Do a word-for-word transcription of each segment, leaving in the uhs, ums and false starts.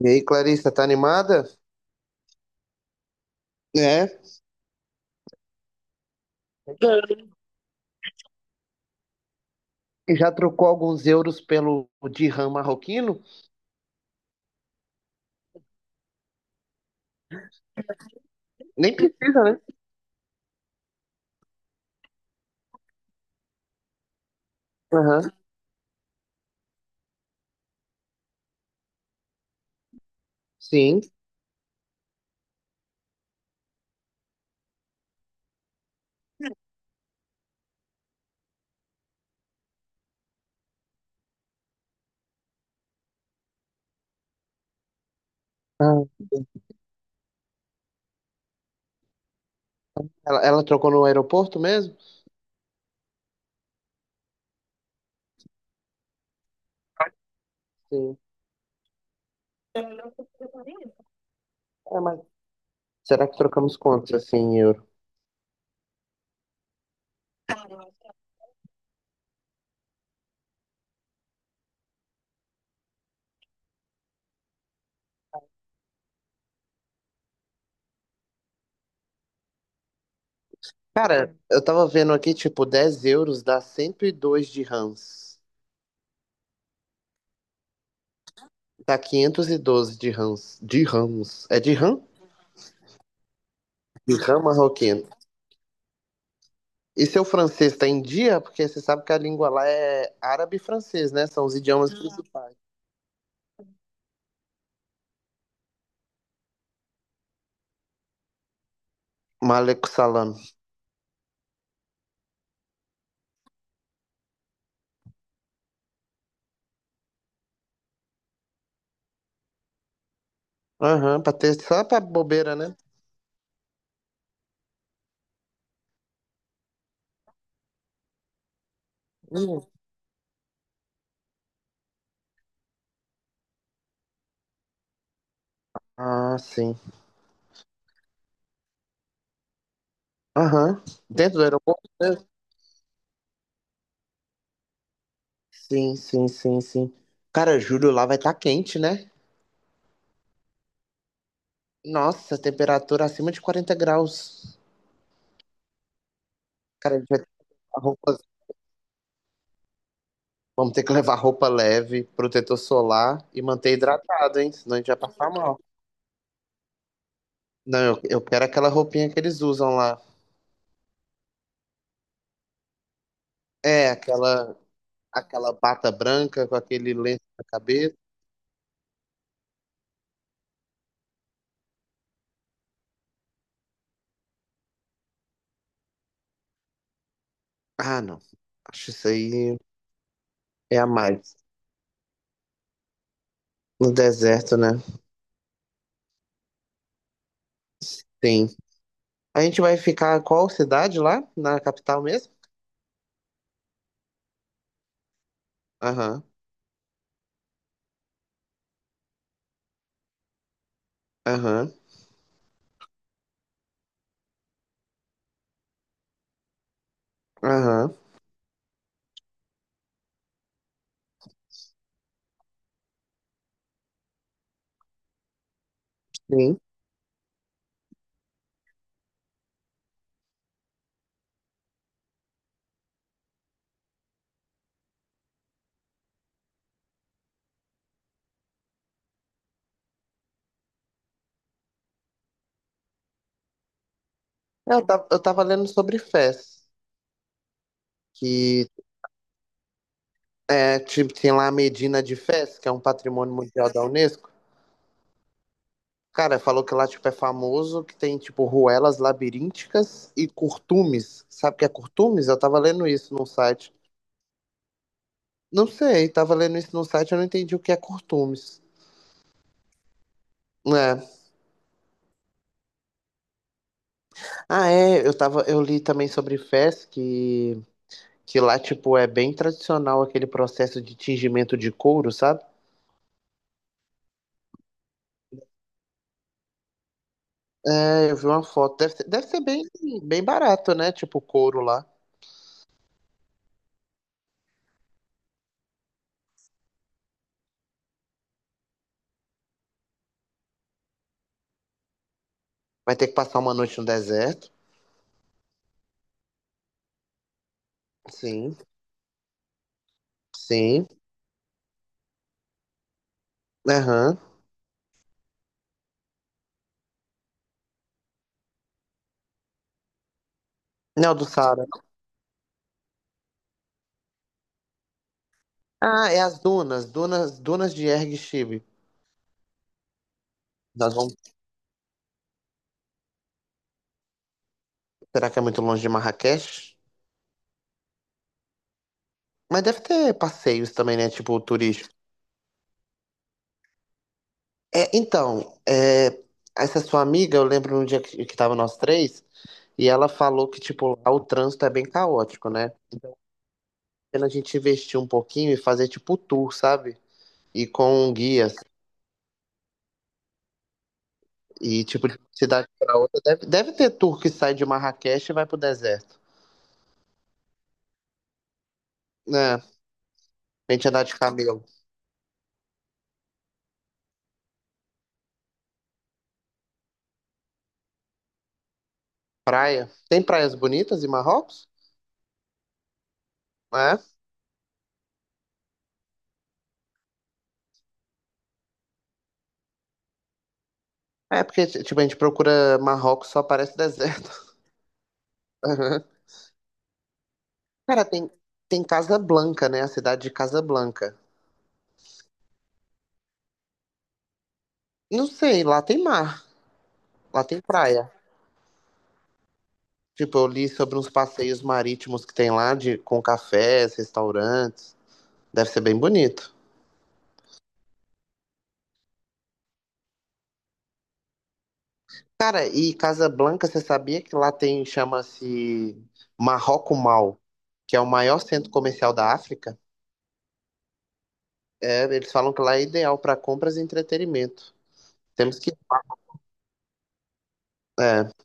E aí, Clarissa, tá animada? É. Já trocou alguns euros pelo dirham marroquino? Nem precisa, né? Aham, sim. Ah, ela, ela trocou no aeroporto mesmo? Sim. É, mas será que trocamos quantos assim em euro? Cara, eu tava vendo aqui, tipo, dez euros dá cento e dois dirhams. Dá quinhentos e doze dirhams. Dirhams. É dirham? Dirham marroquino. E seu francês está em dia? Porque você sabe que a língua lá é árabe e francês, né? São os idiomas. Ah, principais. Maleco salam. Aham, pra ter só pra bobeira, né? Hum. Ah, sim. Aham. Dentro do aeroporto, né? Sim, sim, sim, sim. Cara, julho lá vai estar quente, né? Nossa, temperatura acima de quarenta graus. Cara, a gente vai ter que levar roupas- vamos ter que levar roupa leve, protetor solar e manter hidratado, hein? Senão a gente vai passar mal. Não, eu, eu quero aquela roupinha que eles usam lá. É, aquela aquela bata branca com aquele lenço na cabeça. Ah, não. Acho isso aí é a mais. No deserto, né? Sim. A gente vai ficar qual cidade lá? Na capital mesmo? Aham, aham, aham. Sim. Eu tava, eu tava lendo sobre Fez, que é, tipo, tem lá a Medina de Fez, que é um patrimônio mundial da Unesco. Cara, falou que lá, tipo, é famoso, que tem, tipo, ruelas labirínticas e curtumes. Sabe o que é curtumes? Eu tava lendo isso num site. Não sei, tava lendo isso no site, eu não entendi o que é curtumes. É. Ah, é, eu tava, eu li também sobre fés que, que lá, tipo, é bem tradicional aquele processo de tingimento de couro, sabe? É, eu vi uma foto. Deve ser, deve ser bem, bem barato, né? Tipo, couro lá. Vai ter que passar uma noite no deserto. Sim, sim. Aham. Não, do Saara. Ah, é as dunas, dunas, dunas de Erg Chibe. Nós vamos. Será que é muito longe de Marrakech? Mas deve ter passeios também, né? Tipo, é, então, é, essa sua amiga, eu lembro um dia que, que tava nós três, e ela falou que, tipo, lá o trânsito é bem caótico, né? Pena a gente investir um pouquinho e fazer, tipo, tour, sabe? E com guias. E, tipo, de cidade pra outra. Deve, deve ter tour que sai de Marrakech e vai pro deserto, né? A gente andar de camelo. Praia. Tem praias bonitas em Marrocos? É. É porque, tipo, a gente procura Marrocos, só parece deserto. Aham. Cara, tem, tem Casablanca, né? A cidade de Casablanca. Não sei, lá tem mar, lá tem praia. Tipo, eu li sobre uns passeios marítimos que tem lá de, com cafés, restaurantes. Deve ser bem bonito. Cara, e Casablanca, você sabia que lá tem, chama-se Marroco Mall, que é o maior centro comercial da África? É, eles falam que lá é ideal para compras e entretenimento. Temos que,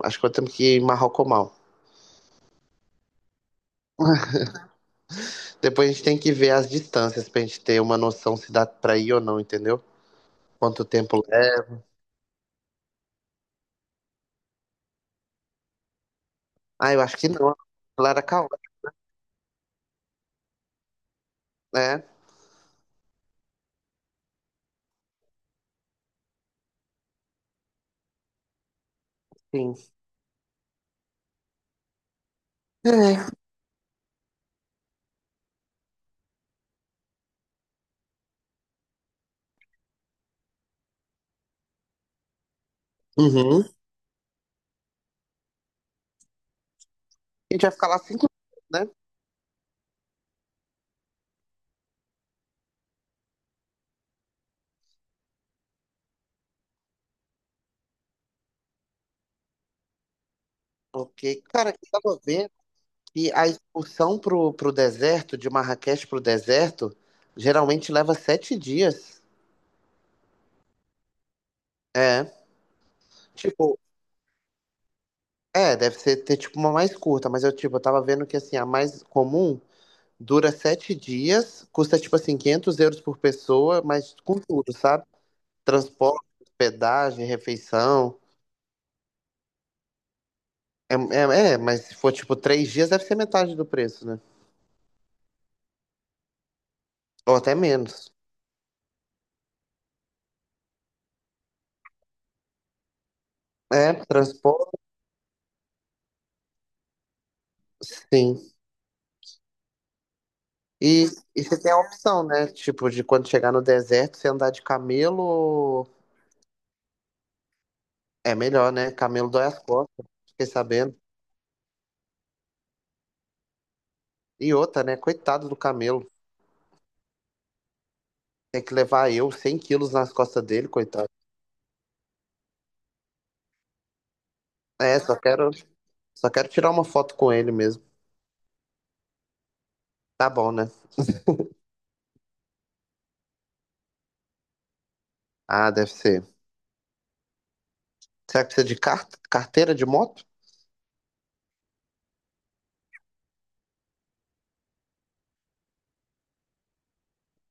acho que temos que ir em Marroco Mall. Depois a gente tem que ver as distâncias pra gente ter uma noção se dá pra ir ou não, entendeu? Quanto tempo é. Ah, eu acho que não. Lá era. É, sim. É. Uhum. A gente vai ficar lá cinco anos, né? Ok, cara, eu tava vendo que a expulsão pro, pro deserto, de Marrakech pro deserto, geralmente leva sete dias. É, tipo, é, deve ser ter tipo uma mais curta, mas eu, tipo, eu tava vendo que, assim, a mais comum dura sete dias, custa, tipo assim, quinhentos euros por pessoa, mas com tudo, sabe? Transporte, hospedagem, refeição. É, é, é, mas se for, tipo, três dias, deve ser metade do preço, né? Ou até menos. É, transporte, sim. E, e você tem a opção, né? Tipo, de quando chegar no deserto, você andar de camelo é melhor, né? Camelo dói as costas, fiquei sabendo. E outra, né? Coitado do camelo. Tem que levar eu cem quilos nas costas dele, coitado. É, só quero, só quero tirar uma foto com ele mesmo. Tá bom, né? Ah, deve ser. Será que precisa de car- carteira de moto?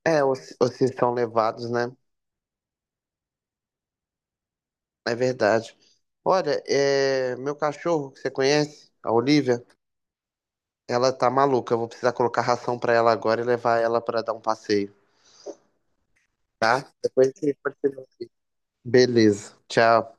É, ou se ou se são levados, né? É verdade. Olha, é, meu cachorro que você conhece, a Olivia. Ela tá maluca. Eu vou precisar colocar ração pra ela agora e levar ela pra dar um passeio, tá? Depois a gente continua. Beleza. Tchau.